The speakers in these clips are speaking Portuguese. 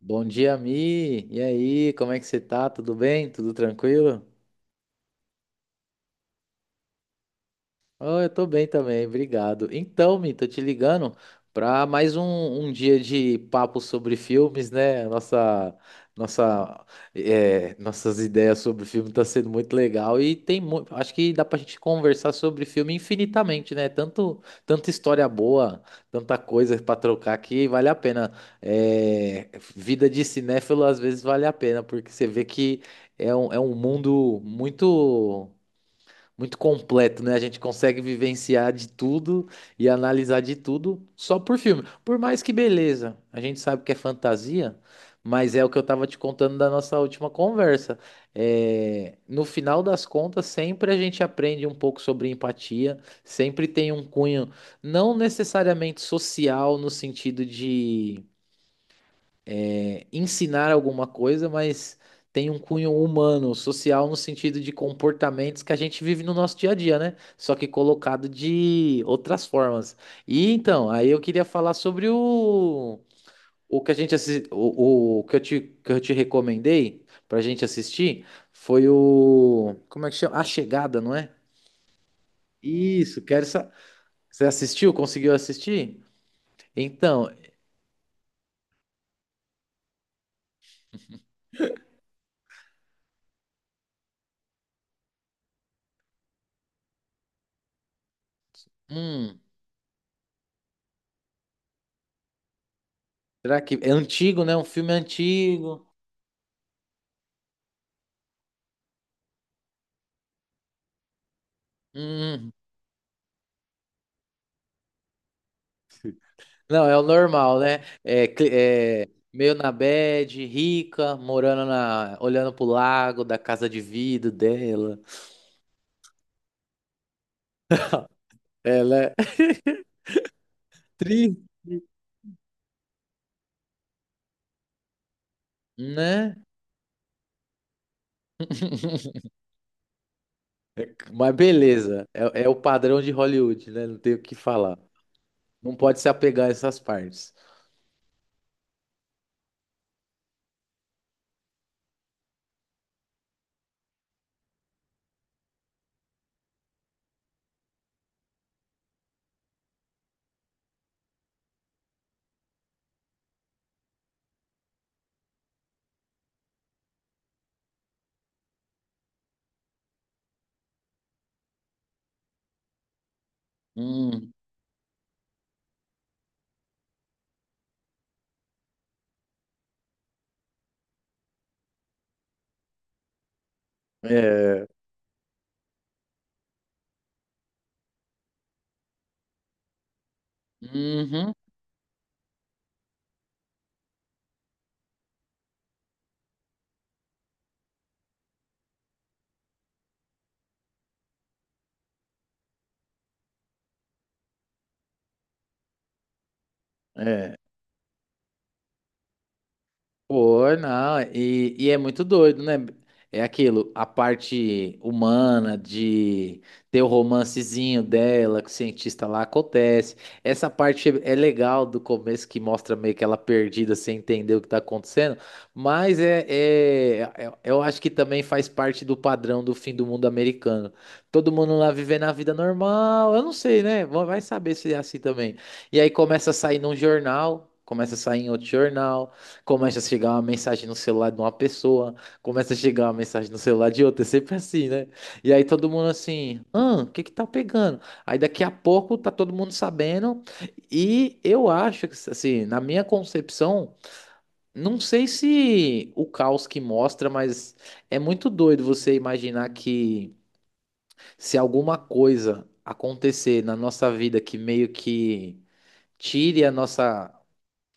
Bom dia, Mi. E aí, como é que você tá? Tudo bem? Tudo tranquilo? Oh, eu tô bem também, obrigado. Então, Mi, tô te ligando para mais um dia de papo sobre filmes, né? Nossa, é, nossas ideias sobre filme tá sendo muito legal e tem muito, acho que dá pra gente conversar sobre filme infinitamente, né? Tanta história boa, tanta coisa pra trocar que vale a pena. É, vida de cinéfilo às vezes vale a pena, porque você vê que é um mundo muito completo, né? A gente consegue vivenciar de tudo e analisar de tudo só por filme. Por mais que beleza, a gente sabe que é fantasia, mas é o que eu tava te contando da nossa última conversa. É, no final das contas, sempre a gente aprende um pouco sobre empatia, sempre tem um cunho não necessariamente social no sentido de ensinar alguma coisa, mas tem um cunho humano, social, no sentido de comportamentos que a gente vive no nosso dia a dia, né? Só que colocado de outras formas. E então, aí eu queria falar sobre o que a gente o que que eu te recomendei pra gente assistir foi o, como é que chama? A Chegada, não é? Isso, Você assistiu? Conseguiu assistir? Então, hum, será que é antigo, né? Um filme antigo. Uhum. Não, é o normal, né? É, é meio na bad, rica, morando na, olhando pro lago da casa de vidro dela. Ela é triste, né? Mas beleza, é o padrão de Hollywood, né? Não tem o que falar. Não pode se apegar a essas partes. Hum, é. Uhum, é. Pô, não, e é muito doido, né? É aquilo, a parte humana de ter o romancezinho dela com o cientista lá acontece. Essa parte é legal do começo que mostra meio que ela perdida sem entender o que tá acontecendo, mas eu acho que também faz parte do padrão do fim do mundo americano. Todo mundo lá vivendo a vida normal, eu não sei, né? Vai saber se é assim também. E aí começa a sair num jornal, começa a sair em outro jornal. Começa a chegar uma mensagem no celular de uma pessoa, começa a chegar uma mensagem no celular de outra, é sempre assim, né? E aí todo mundo assim, ah, o que que tá pegando? Aí daqui a pouco tá todo mundo sabendo, e eu acho que, assim, na minha concepção, não sei se o caos que mostra, mas é muito doido você imaginar que se alguma coisa acontecer na nossa vida que meio que tire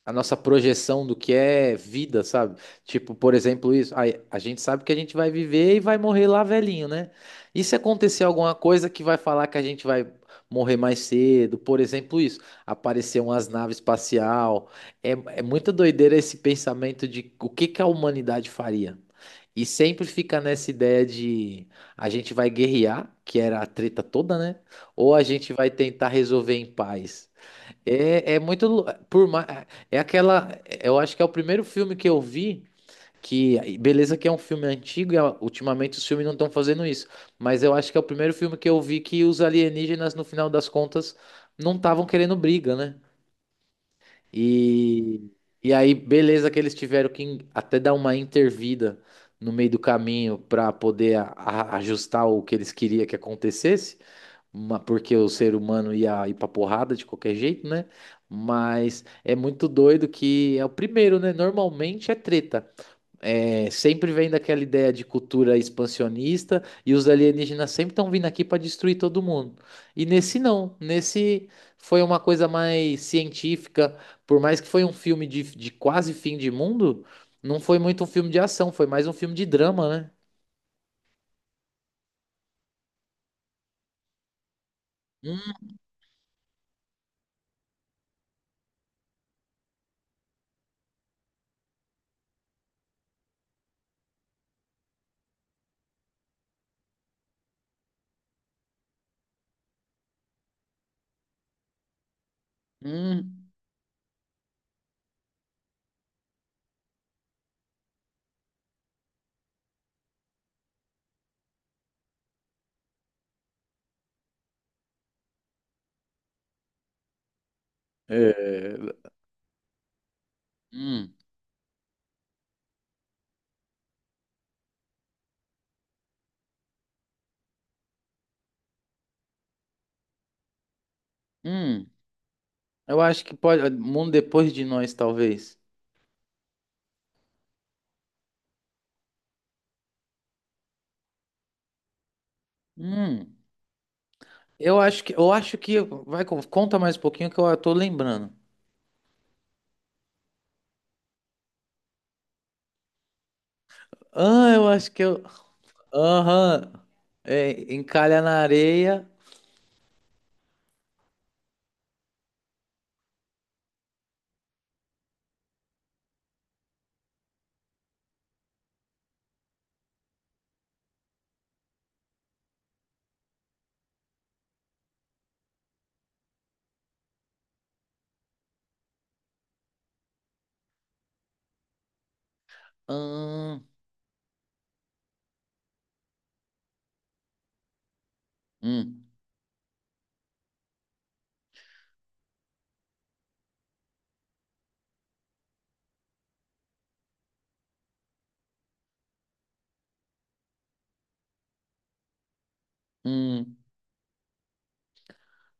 a nossa projeção do que é vida, sabe? Tipo, por exemplo, isso. A gente sabe que a gente vai viver e vai morrer lá velhinho, né? E se acontecer alguma coisa que vai falar que a gente vai morrer mais cedo, por exemplo, isso. Aparecer umas naves espacial. É, é muita doideira esse pensamento de o que que a humanidade faria. E sempre fica nessa ideia de a gente vai guerrear, que era a treta toda, né? Ou a gente vai tentar resolver em paz. Por mais, é aquela. Eu acho que é o primeiro filme que eu vi. Que, beleza, que é um filme antigo e ah, ultimamente os filmes não estão fazendo isso. Mas eu acho que é o primeiro filme que eu vi que os alienígenas, no final das contas, não estavam querendo briga, né? E, e aí, beleza, que eles tiveram que até dar uma intervida no meio do caminho para poder ajustar o que eles queriam que acontecesse porque o ser humano ia ir pra porrada de qualquer jeito, né? Mas é muito doido que é o primeiro, né? Normalmente é treta. É, sempre vem daquela ideia de cultura expansionista e os alienígenas sempre estão vindo aqui para destruir todo mundo. E nesse não, nesse foi uma coisa mais científica, por mais que foi um filme de quase fim de mundo, não foi muito um filme de ação, foi mais um filme de drama, né? Hum, hum, é, hum, hum. Eu acho que pode. Mundo depois de nós, talvez. Hum. Eu acho que. Vai, conta mais um pouquinho que eu tô lembrando. Ah, eu acho que eu. Aham. É, encalha na areia. Hum. Hum. Hum.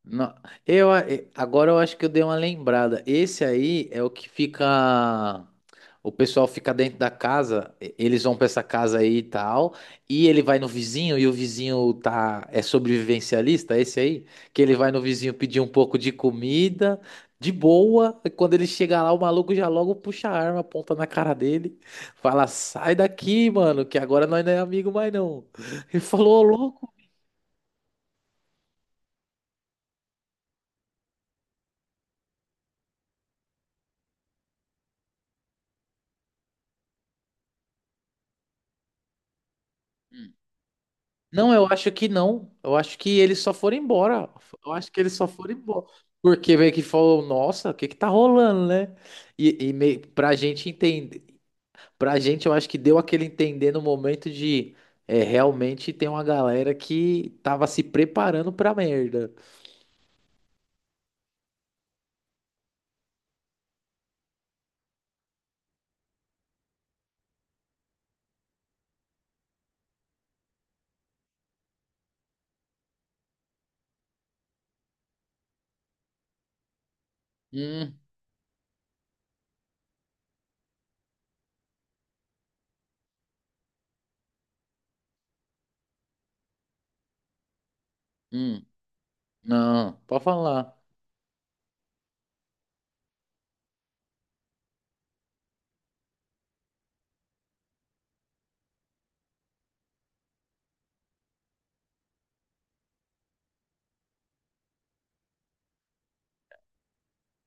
Não, agora eu acho que eu dei uma lembrada. Esse aí é o que fica. O pessoal fica dentro da casa, eles vão pra essa casa aí e tal, e ele vai no vizinho e o vizinho tá é sobrevivencialista, esse aí, que ele vai no vizinho pedir um pouco de comida, de boa, e quando ele chega lá, o maluco já logo puxa a arma, aponta na cara dele, fala: "Sai daqui, mano, que agora nós não é amigo mais não". Ele falou: "Ô, louco, Não, eu acho que não. Eu acho que eles só foram embora. Porque meio que falou, nossa, o que que tá rolando, né? E meio, pra gente entender, pra gente eu acho que deu aquele entender no momento de é, realmente tem uma galera que tava se preparando pra merda. Hum, hum, não, pode falar.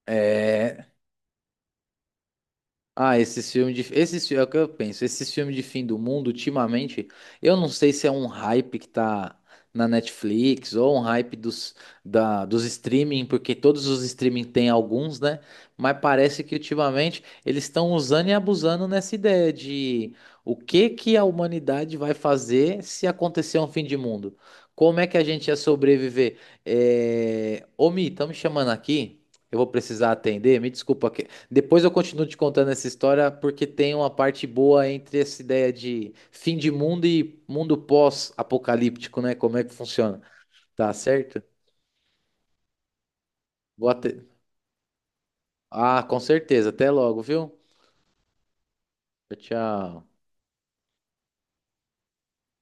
É, Ah, esses filmes de. Esses, é o que eu penso. Esses filmes de fim do mundo, ultimamente, eu não sei se é um hype que tá na Netflix ou um hype dos streaming, porque todos os streaming têm alguns, né? Mas parece que ultimamente eles estão usando e abusando nessa ideia de o que que a humanidade vai fazer se acontecer um fim de mundo? Como é que a gente ia sobreviver? É... Ô, Mi, estão me chamando aqui. Eu vou precisar atender. Me desculpa depois eu continuo te contando essa história porque tem uma parte boa entre essa ideia de fim de mundo e mundo pós-apocalíptico, né? Como é que funciona? Tá certo? Vou até... Ah, com certeza. Até logo, viu? Tchau.